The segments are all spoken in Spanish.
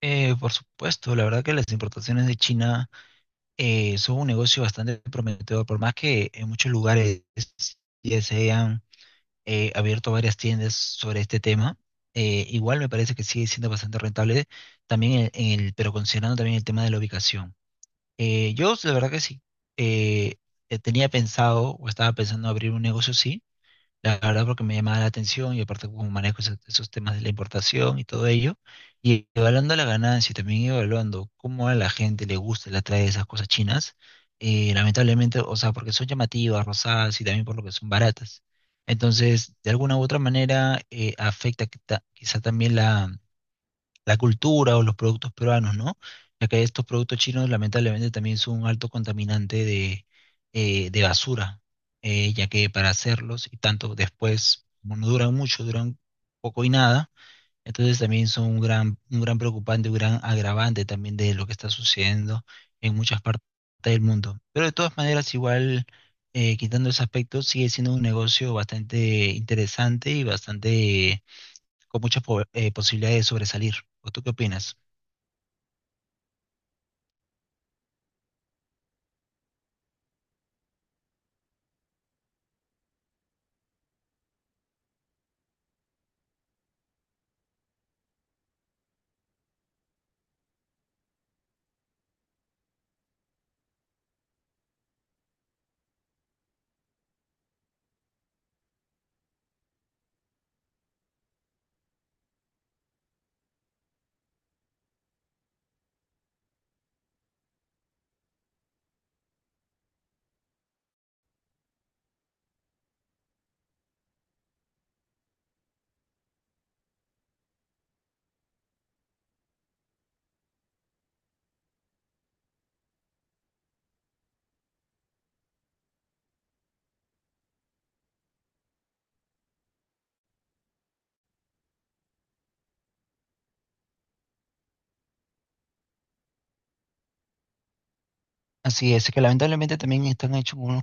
Por supuesto, la verdad que las importaciones de China son un negocio bastante prometedor, por más que en muchos lugares ya se hayan abierto varias tiendas sobre este tema, igual me parece que sigue siendo bastante rentable también en el, pero considerando también el tema de la ubicación. Yo la verdad que sí eh, tenía pensado o estaba pensando abrir un negocio, sí, la verdad porque me llamaba la atención y aparte como manejo esos temas de la importación y todo ello, y evaluando la ganancia y también evaluando cómo a la gente le gusta y le atrae esas cosas chinas. Lamentablemente, o sea, porque son llamativas, rosadas y también por lo que son baratas. Entonces, de alguna u otra manera, afecta quizá también la cultura o los productos peruanos, ¿no? Ya que estos productos chinos lamentablemente también son un alto contaminante de basura, ya que para hacerlos y tanto después, como no duran mucho, duran poco y nada, entonces también son un gran preocupante, un gran agravante también de lo que está sucediendo en muchas partes del mundo. Pero de todas maneras, igual, quitando ese aspecto, sigue siendo un negocio bastante interesante y bastante con muchas posibilidades de sobresalir. ¿O tú qué opinas? Así es, que lamentablemente también están hechos unos,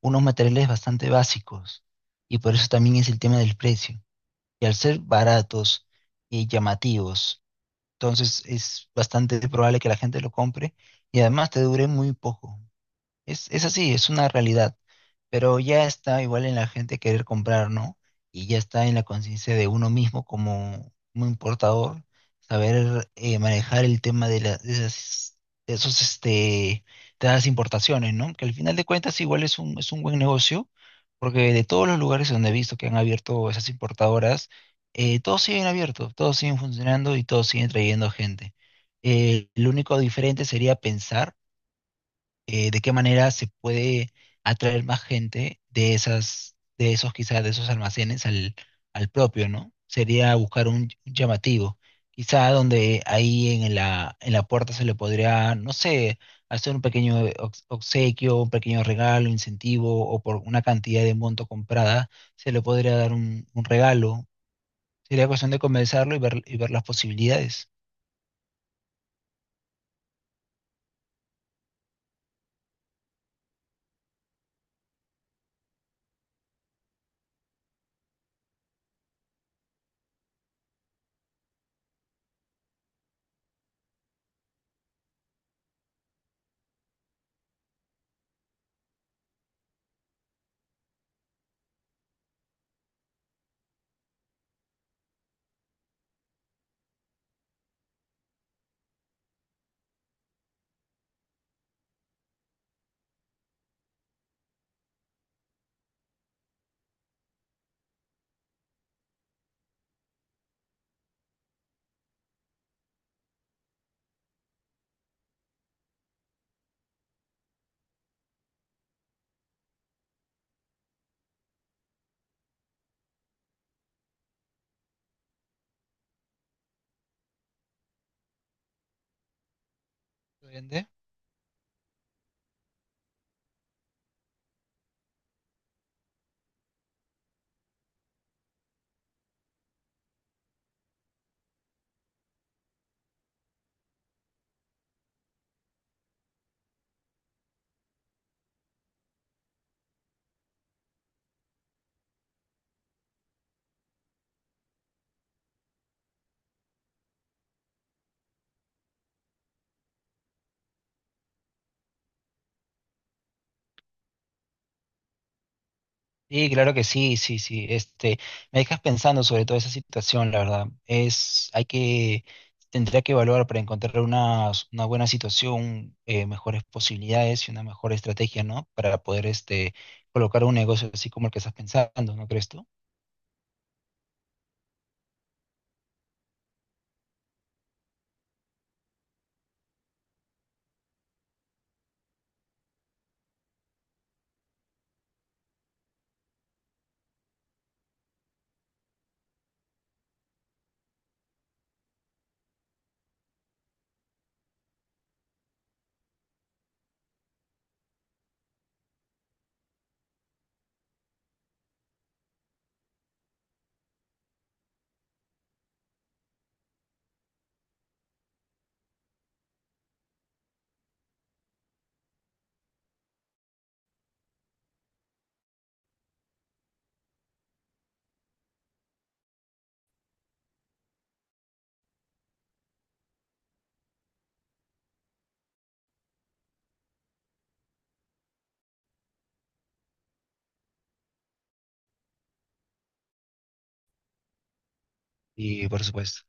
unos materiales bastante básicos y por eso también es el tema del precio. Y al ser baratos y llamativos, entonces es bastante probable que la gente lo compre y además te dure muy poco. Es, así, es una realidad, pero ya está igual en la gente querer comprar, ¿no? Y ya está en la conciencia de uno mismo como, como importador, saber manejar el tema de, de esas, de esos, este, de esas importaciones, ¿no? Que al final de cuentas igual es un buen negocio, porque de todos los lugares donde he visto que han abierto esas importadoras, todos siguen abiertos, todos siguen funcionando y todos siguen trayendo gente. Lo único diferente sería pensar de qué manera se puede atraer más gente de esas, de esos quizás, de esos almacenes al, al propio, ¿no? Sería buscar un llamativo, quizá donde ahí en la puerta se le podría, no sé, hacer un pequeño obsequio, un pequeño regalo, incentivo, o por una cantidad de monto comprada, se le podría dar un regalo. Sería cuestión de comenzarlo y ver las posibilidades. ¿Entiende? Sí, claro que sí, sí, sí. Este, me dejas pensando sobre toda esa situación, la verdad. Es, hay que, tendría que evaluar para encontrar una buena situación, mejores posibilidades y una mejor estrategia, ¿no? Para poder, este, colocar un negocio así como el que estás pensando, ¿no crees tú? Y por supuesto.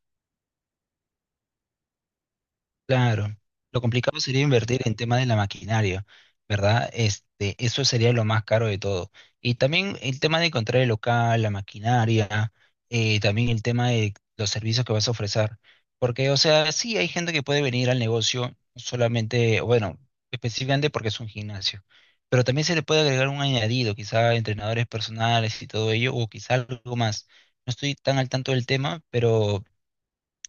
Claro, lo complicado sería invertir en tema de la maquinaria, ¿verdad? Este, eso sería lo más caro de todo. Y también el tema de encontrar el local, la maquinaria, también el tema de los servicios que vas a ofrecer. Porque, o sea, sí hay gente que puede venir al negocio solamente, bueno, específicamente porque es un gimnasio, pero también se le puede agregar un añadido, quizá entrenadores personales y todo ello, o quizá algo más. No estoy tan al tanto del tema, pero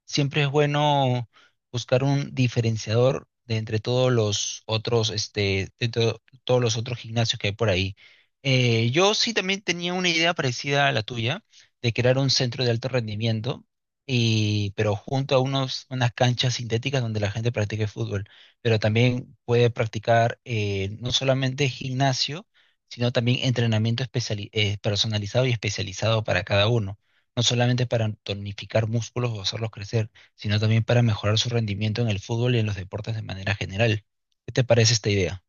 siempre es bueno buscar un diferenciador de entre todos los otros, este, de todos los otros gimnasios que hay por ahí. Yo sí también tenía una idea parecida a la tuya, de crear un centro de alto rendimiento, y, pero junto a unos, unas canchas sintéticas donde la gente practique fútbol, pero también puede practicar no solamente gimnasio, sino también entrenamiento personalizado y especializado para cada uno no solamente para tonificar músculos o hacerlos crecer, sino también para mejorar su rendimiento en el fútbol y en los deportes de manera general. ¿Qué te parece esta idea?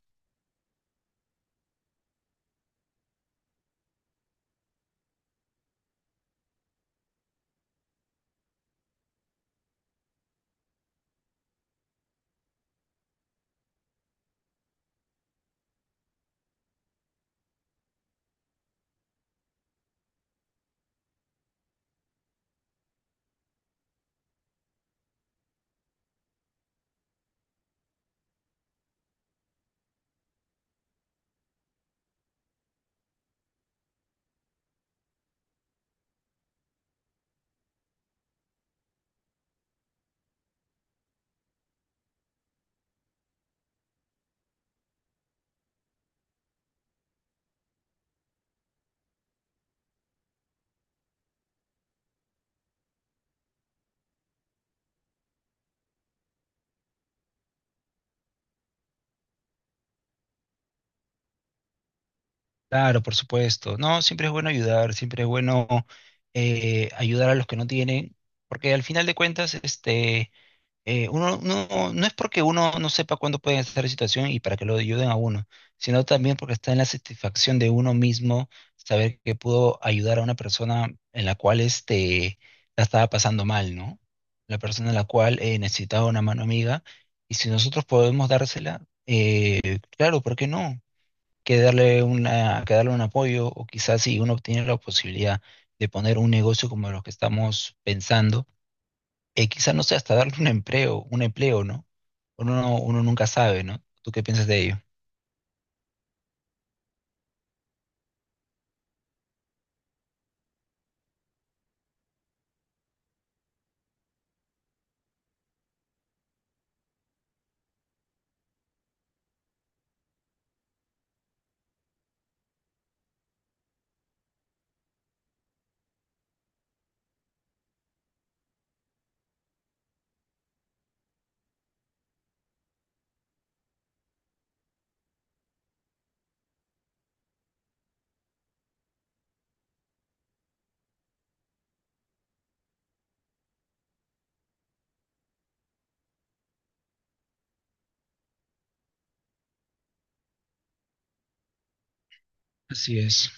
Claro, por supuesto. No, siempre es bueno ayudar, siempre es bueno ayudar a los que no tienen, porque al final de cuentas, este, uno no, no es porque uno no sepa cuándo puede estar en situación y para que lo ayuden a uno, sino también porque está en la satisfacción de uno mismo saber que pudo ayudar a una persona en la cual este, la estaba pasando mal, ¿no? La persona en la cual necesitaba una mano amiga y si nosotros podemos dársela, claro, ¿por qué no? Que darle una, que darle un apoyo o quizás si uno tiene la posibilidad de poner un negocio como los que estamos pensando quizás no sé, hasta darle un empleo, ¿no? Uno, uno nunca sabe, ¿no? ¿Tú qué piensas de ello? Así es.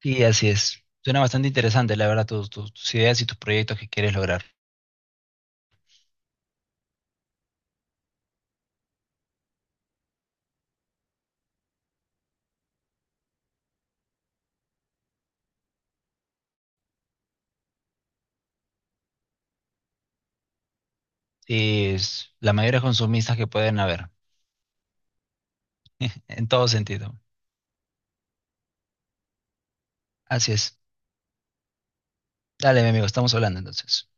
Sí, así es. Suena bastante interesante, la verdad, tus, tus, tus ideas y tus proyectos que quieres lograr. Sí, es la mayoría de consumistas que pueden haber, en todo sentido. Así es. Dale, mi amigo, estamos hablando entonces.